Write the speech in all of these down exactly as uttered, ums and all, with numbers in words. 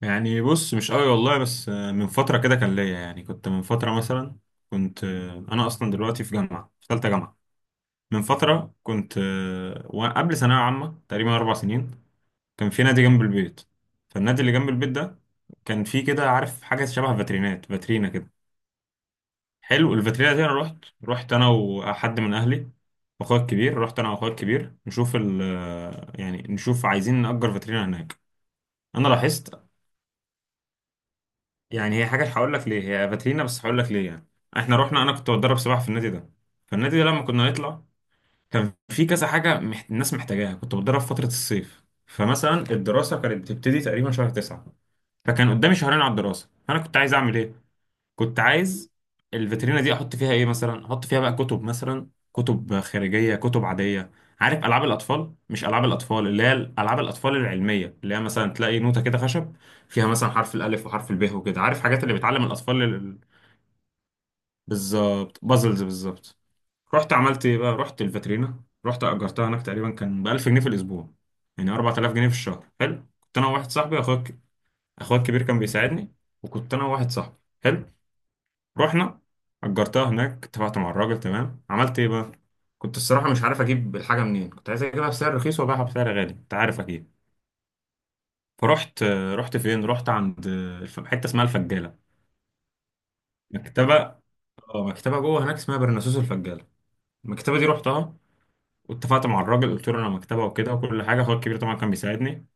يعني بص مش قوي والله بس آه، من فترة كده كان ليا يعني كنت من فترة مثلا كنت آه، أنا أصلا دلوقتي في جامعة في تالتة جامعة. من فترة كنت آه، وقبل ثانوية عامة تقريبا أربع سنين كان في نادي جنب البيت. فالنادي اللي جنب البيت ده كان في كده عارف حاجة شبه فاترينات فاترينا كده. حلو الفاترينا دي أنا رحت رحت أنا وحد من أهلي وأخويا الكبير. رحت أنا وأخويا الكبير نشوف ال آه، يعني نشوف عايزين نأجر فاترينا هناك. أنا لاحظت يعني هي حاجه هقول لك ليه. هي فاترينا بس هقول لك ليه يعني. احنا رحنا، انا كنت بتدرب سباحه في النادي ده. فالنادي ده لما كنا نطلع كان في كذا حاجه مح... الناس محتاجاها. كنت بتدرب فتره الصيف، فمثلا الدراسه كانت بتبتدي تقريبا شهر تسعة، فكان قدامي شهرين على الدراسه. فانا كنت عايز اعمل ايه؟ كنت عايز الفيترينا دي احط فيها ايه، مثلا احط فيها بقى كتب، مثلا كتب خارجيه كتب عاديه. عارف العاب الاطفال، مش العاب الاطفال اللي هي العاب الاطفال العلميه، اللي هي مثلا تلاقي نوته كده خشب فيها مثلا حرف الالف وحرف الب وكده، عارف حاجات اللي بتعلم الاطفال ال- بالظبط بازلز بالظبط. رحت عملت ايه بقى؟ رحت الفيترينا، رحت اجرتها هناك تقريبا كان ب ألف جنيه في الاسبوع، يعني أربعة آلاف جنيه في الشهر. حلو، كنت انا وواحد صاحبي اخويا اخويا الكبير كان بيساعدني، وكنت انا وواحد صاحبي. حلو، رحنا اجرتها هناك، اتفقت مع الراجل تمام. عملت ايه بقى؟ كنت الصراحه مش عارف اجيب الحاجه منين. كنت عايز اجيبها بسعر رخيص وابيعها بسعر غالي، انت عارف اكيد. فرحت، رحت فين؟ رحت عند الف- حته اسمها الفجاله، مكتبه. اه مكتبه جوه هناك اسمها برناسوس الفجاله. المكتبه دي رحتها، واتفقت مع الراجل قلت له انا مكتبه وكده وكل حاجه. اخويا الكبير طبعا كان بيساعدني.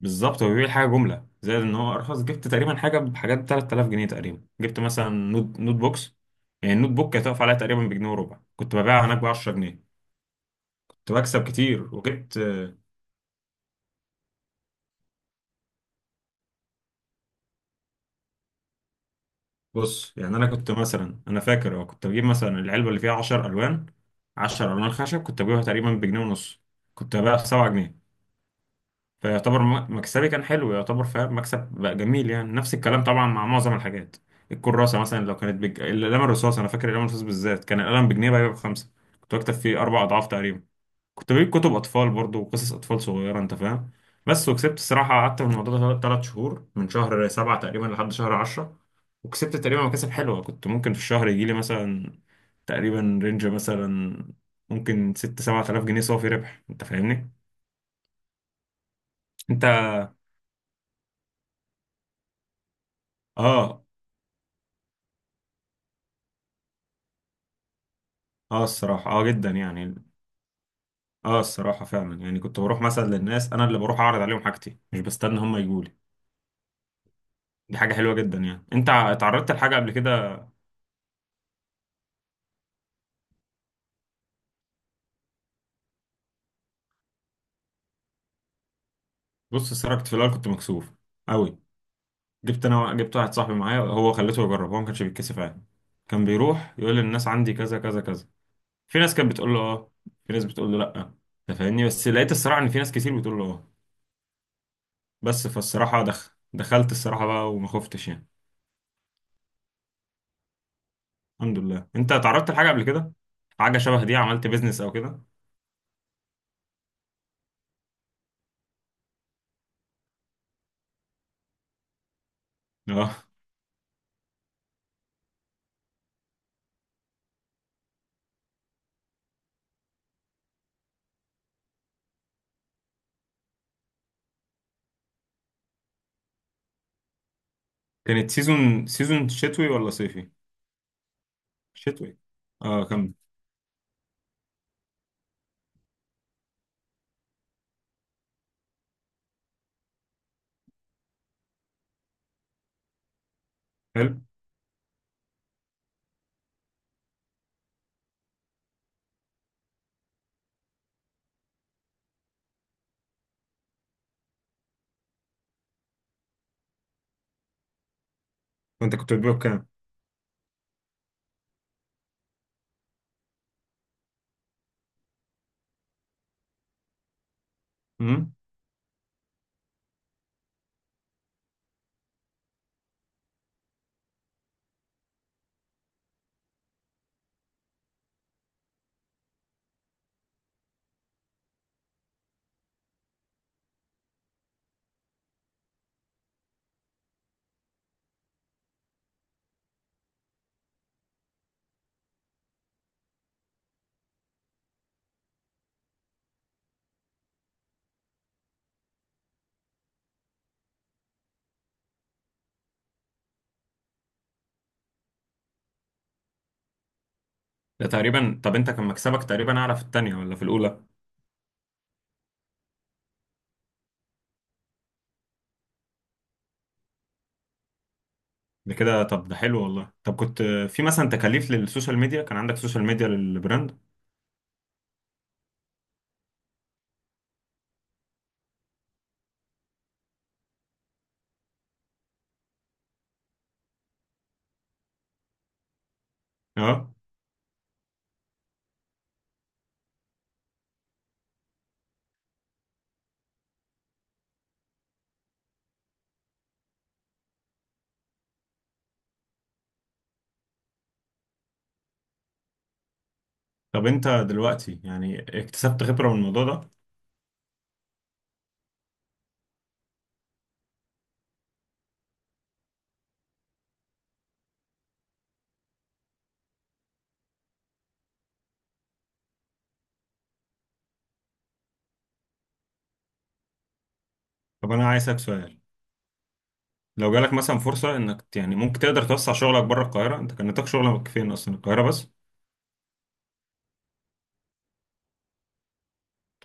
بالظبط، هو بيبيع حاجه جمله زائد ان هو ارخص. جبت تقريبا حاجه بحاجات ب تلت تلاف جنيه تقريبا. جبت مثلا نوت نوت بوكس. يعني النوت بوك كانت واقفه عليها تقريبا بجنيه وربع، كنت ببيعها هناك ب عشر جنيه. كنت بكسب كتير. وجبت، بص يعني انا كنت مثلا، انا فاكر اه كنت بجيب مثلا العلبه اللي فيها عشر ألوان الوان. عشر ألوان الوان خشب كنت بجيبها تقريبا بجنيه ونص، كنت ببيعها ب سبع جنيه. فيعتبر م- مكسبي كان حلو يعتبر، فاهم؟ مكسب بقى جميل، يعني نفس الكلام طبعا مع معظم الحاجات. الكراسة مثلا لو كانت بج... القلم الرصاص، أنا فاكر القلم الرصاص بالذات كان القلم بجنيه، بقى يبقى بخمسة. كنت بكتب فيه أربع أضعاف تقريبا. كنت بجيب كتب أطفال برضو وقصص أطفال صغيرة، أنت فاهم. بس وكسبت الصراحة. قعدت في الموضوع ده تلات شهور، من شهر سبعة تقريبا لحد شهر عشرة. وكسبت تقريبا مكاسب حلوة. كنت ممكن في الشهر يجيلي مثلا تقريبا رينج مثلا ممكن ست سبعة آلاف جنيه صافي ربح، أنت فاهمني؟ أنت اه اه الصراحة اه جدا يعني. اه الصراحة فعلا يعني كنت بروح مثلا للناس، انا اللي بروح اعرض عليهم حاجتي مش بستنى هم يجوا لي. دي حاجة حلوة جدا يعني. انت ع- اتعرضت لحاجة قبل كده. بص الصراحة كنت في الاول كنت مكسوف قوي. جبت، انا جبت واحد صاحبي معايا هو خليته يجرب، هو ما كانش بيتكسف عادي. كان بيروح يقول للناس عندي كذا كذا كذا. في ناس كانت بتقول له اه، في ناس بتقول له لا، انت فاهمني. بس لقيت الصراحة ان في ناس كتير بتقول له اه. بس فالصراحة دخ... دخلت الصراحة بقى وما خفتش يعني. الحمد لله. انت اتعرضت لحاجة قبل كده، حاجة شبه دي، عملت بيزنس او كده؟ اه، كانت سيزون سيزون شتوي ولا صيفي؟ شتوي. اه، كم. حلو، وانت كنت بتبيعه بكام؟ امم، ده تقريبا، طب انت كان مكسبك تقريبا اعلى في التانية ولا في الاولى؟ ده كده، طب ده حلو والله. طب كنت في مثلا تكاليف للسوشيال ميديا؟ كان عندك سوشيال ميديا للبراند؟ اه. طب انت دلوقتي يعني اكتسبت خبرة من الموضوع ده. طب انا عايز اسالك سؤال، لو جالك مثلا فرصة انك ت- يعني ممكن تقدر توسع شغلك بره القاهرة؟ انت كان نطاق شغلك فين اصلا، القاهرة بس؟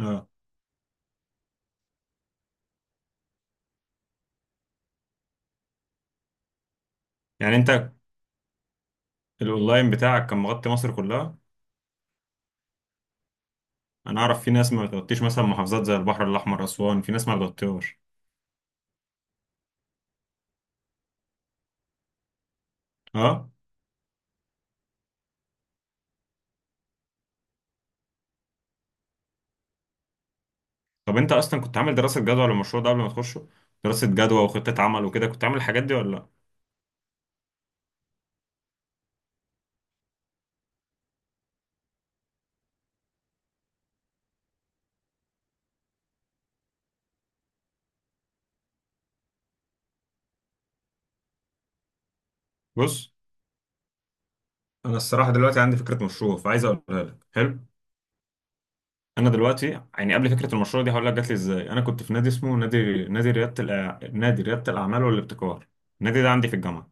اه، يعني انت الاونلاين بتاعك كان مغطي مصر كلها. انا اعرف في ناس ما بتغطيش مثلا محافظات زي البحر الاحمر، اسوان، في ناس ما بتغطيهاش. اه. طب انت اصلا كنت عامل دراسه جدوى للمشروع ده قبل ما تخشه؟ دراسه جدوى وخطه عمل وكده، كنت عامل الحاجات دي ولا لا؟ بص، انا الصراحه دلوقتي عندي فكره مشروع، فعايز اقولها لك. حلو. انا دلوقتي يعني قبل فكره المشروع دي هقول لك جات لي ازاي. انا كنت في نادي اسمه نادي نادي رياده الأع... نادي رياده الاعمال والابتكار. النادي ده عندي في الجامعه.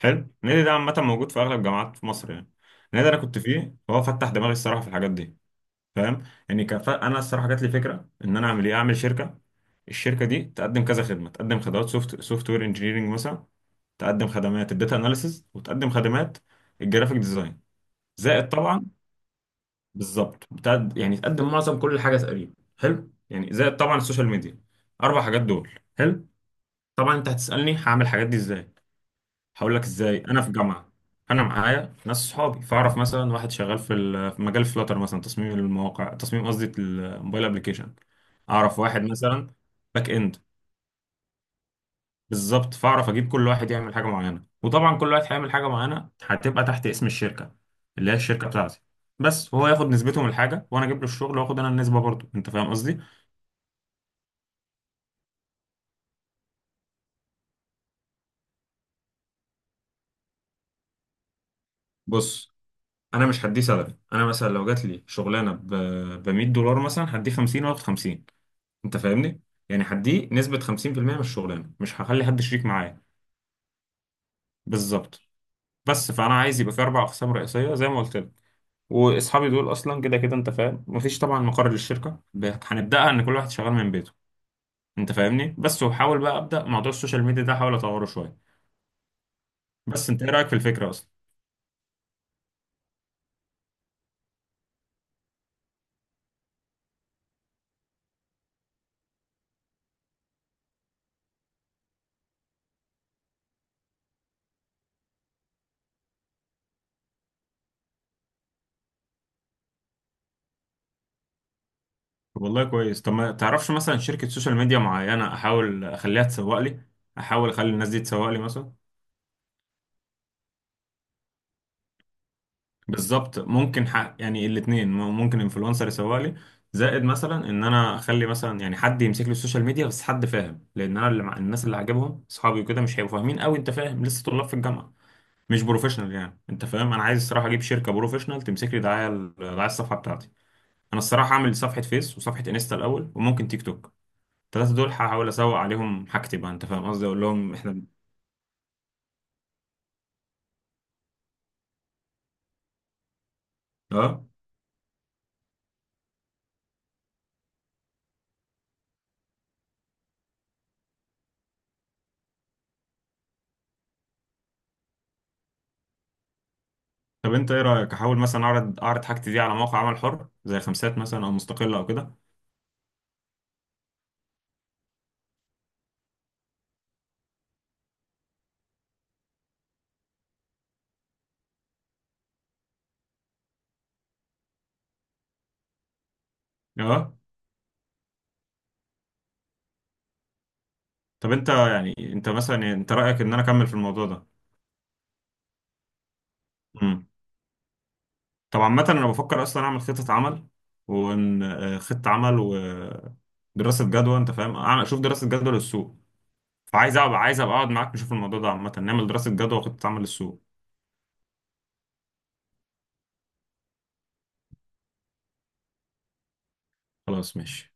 حلو، النادي ده عامه موجود في اغلب الجامعات في مصر يعني. النادي ده انا كنت فيه، هو فتح دماغي الصراحه في الحاجات دي، فاهم. يعني كف... انا الصراحه جات لي فكره ان انا اعمل ايه. اعمل شركه، الشركه دي تقدم كذا خدمه. تقدم خدمات سوفت سوفت وير انجينيرنج مثلا. تقدم خدمات الداتا اناليسز، وتقدم خدمات الجرافيك ديزاين زائد طبعا. بالظبط، بتاع يعني تقدم معظم كل حاجه تقريبا. حلو، يعني زائد طبعا السوشيال ميديا، اربع حاجات دول. حلو. طبعا انت هتسالني هعمل الحاجات دي ازاي. هقول لك ازاي، انا في جامعه، انا معايا ناس صحابي. فاعرف مثلا واحد شغال في ال- في مجال فلاتر مثلا، تصميم المواقع، تصميم قصدي الموبايل ابلكيشن. اعرف واحد مثلا باك اند. بالظبط، فاعرف اجيب كل واحد يعمل حاجه معينه، وطبعا كل واحد هيعمل حاجه معينه هتبقى تحت اسم الشركه اللي هي الشركه بتاعتي. بس هو ياخد نسبته من الحاجه وانا اجيب له الشغل، واخد انا النسبه برضه، انت فاهم قصدي. بص انا مش هديه سلبي. انا مثلا لو جات لي شغلانه ب ب مية دولار مثلا، هديه خمسين واخد خمسين، انت فاهمني. يعني هديه نسبة خمسين في المئة من الشغلانة، مش هخلي حد شريك معايا. بالظبط. بس فانا عايز يبقى في اربع اقسام رئيسية زي ما قلت لك. واصحابي دول اصلا كده كده انت فاهم، مفيش طبعا مقر للشركة، ب- هنبداها ان كل واحد شغال من بيته، انت فاهمني. بس وحاول بقى ابدا موضوع السوشيال ميديا ده احاول اطوره شوية. بس انت ايه رايك في الفكرة اصلا؟ والله كويس. طب ما تعرفش مثلا شركة سوشيال ميديا معينة احاول اخليها تسوق لي؟ احاول اخلي الناس دي تسوق لي مثلا. بالظبط، ممكن حق يعني الاثنين، ممكن انفلونسر يسوق لي، زائد مثلا ان انا اخلي مثلا يعني حد يمسك لي السوشيال ميديا، بس حد فاهم، لان انا اللي مع الناس اللي عاجبهم اصحابي وكده مش هيبقوا فاهمين قوي، انت فاهم؟ لسه طلاب في الجامعه، مش بروفيشنال يعني، انت فاهم. انا عايز الصراحه اجيب شركه بروفيشنال تمسك لي دعايه، دعايه الصفحه بتاعتي. انا الصراحه اعمل صفحه فيس وصفحه انستا الاول وممكن تيك توك، الثلاثه دول هحاول اسوق عليهم حاجتي بقى، انت فاهم قصدي، اقول لهم احنا اه. طب انت ايه رايك احاول مثلا اعرض اعرض حاجتي دي على موقع عمل حر زي خمسات مثلا او مستقله او كده؟ اه. طب انت يعني انت مثلا يعني، انت رأيك ان انا اكمل في الموضوع ده؟ امم. طب عامة انا بفكر اصلا اعمل خطة عمل، وان آه، خطة عمل ودراسة جدوى، انت فاهم، اعمل اشوف دراسة جدوى للسوق. فعايز ابقى عايز ابقى اقعد معاك نشوف الموضوع ده عامة، نعمل دراسة جدوى وخطة عمل للسوق. خلاص ماشي.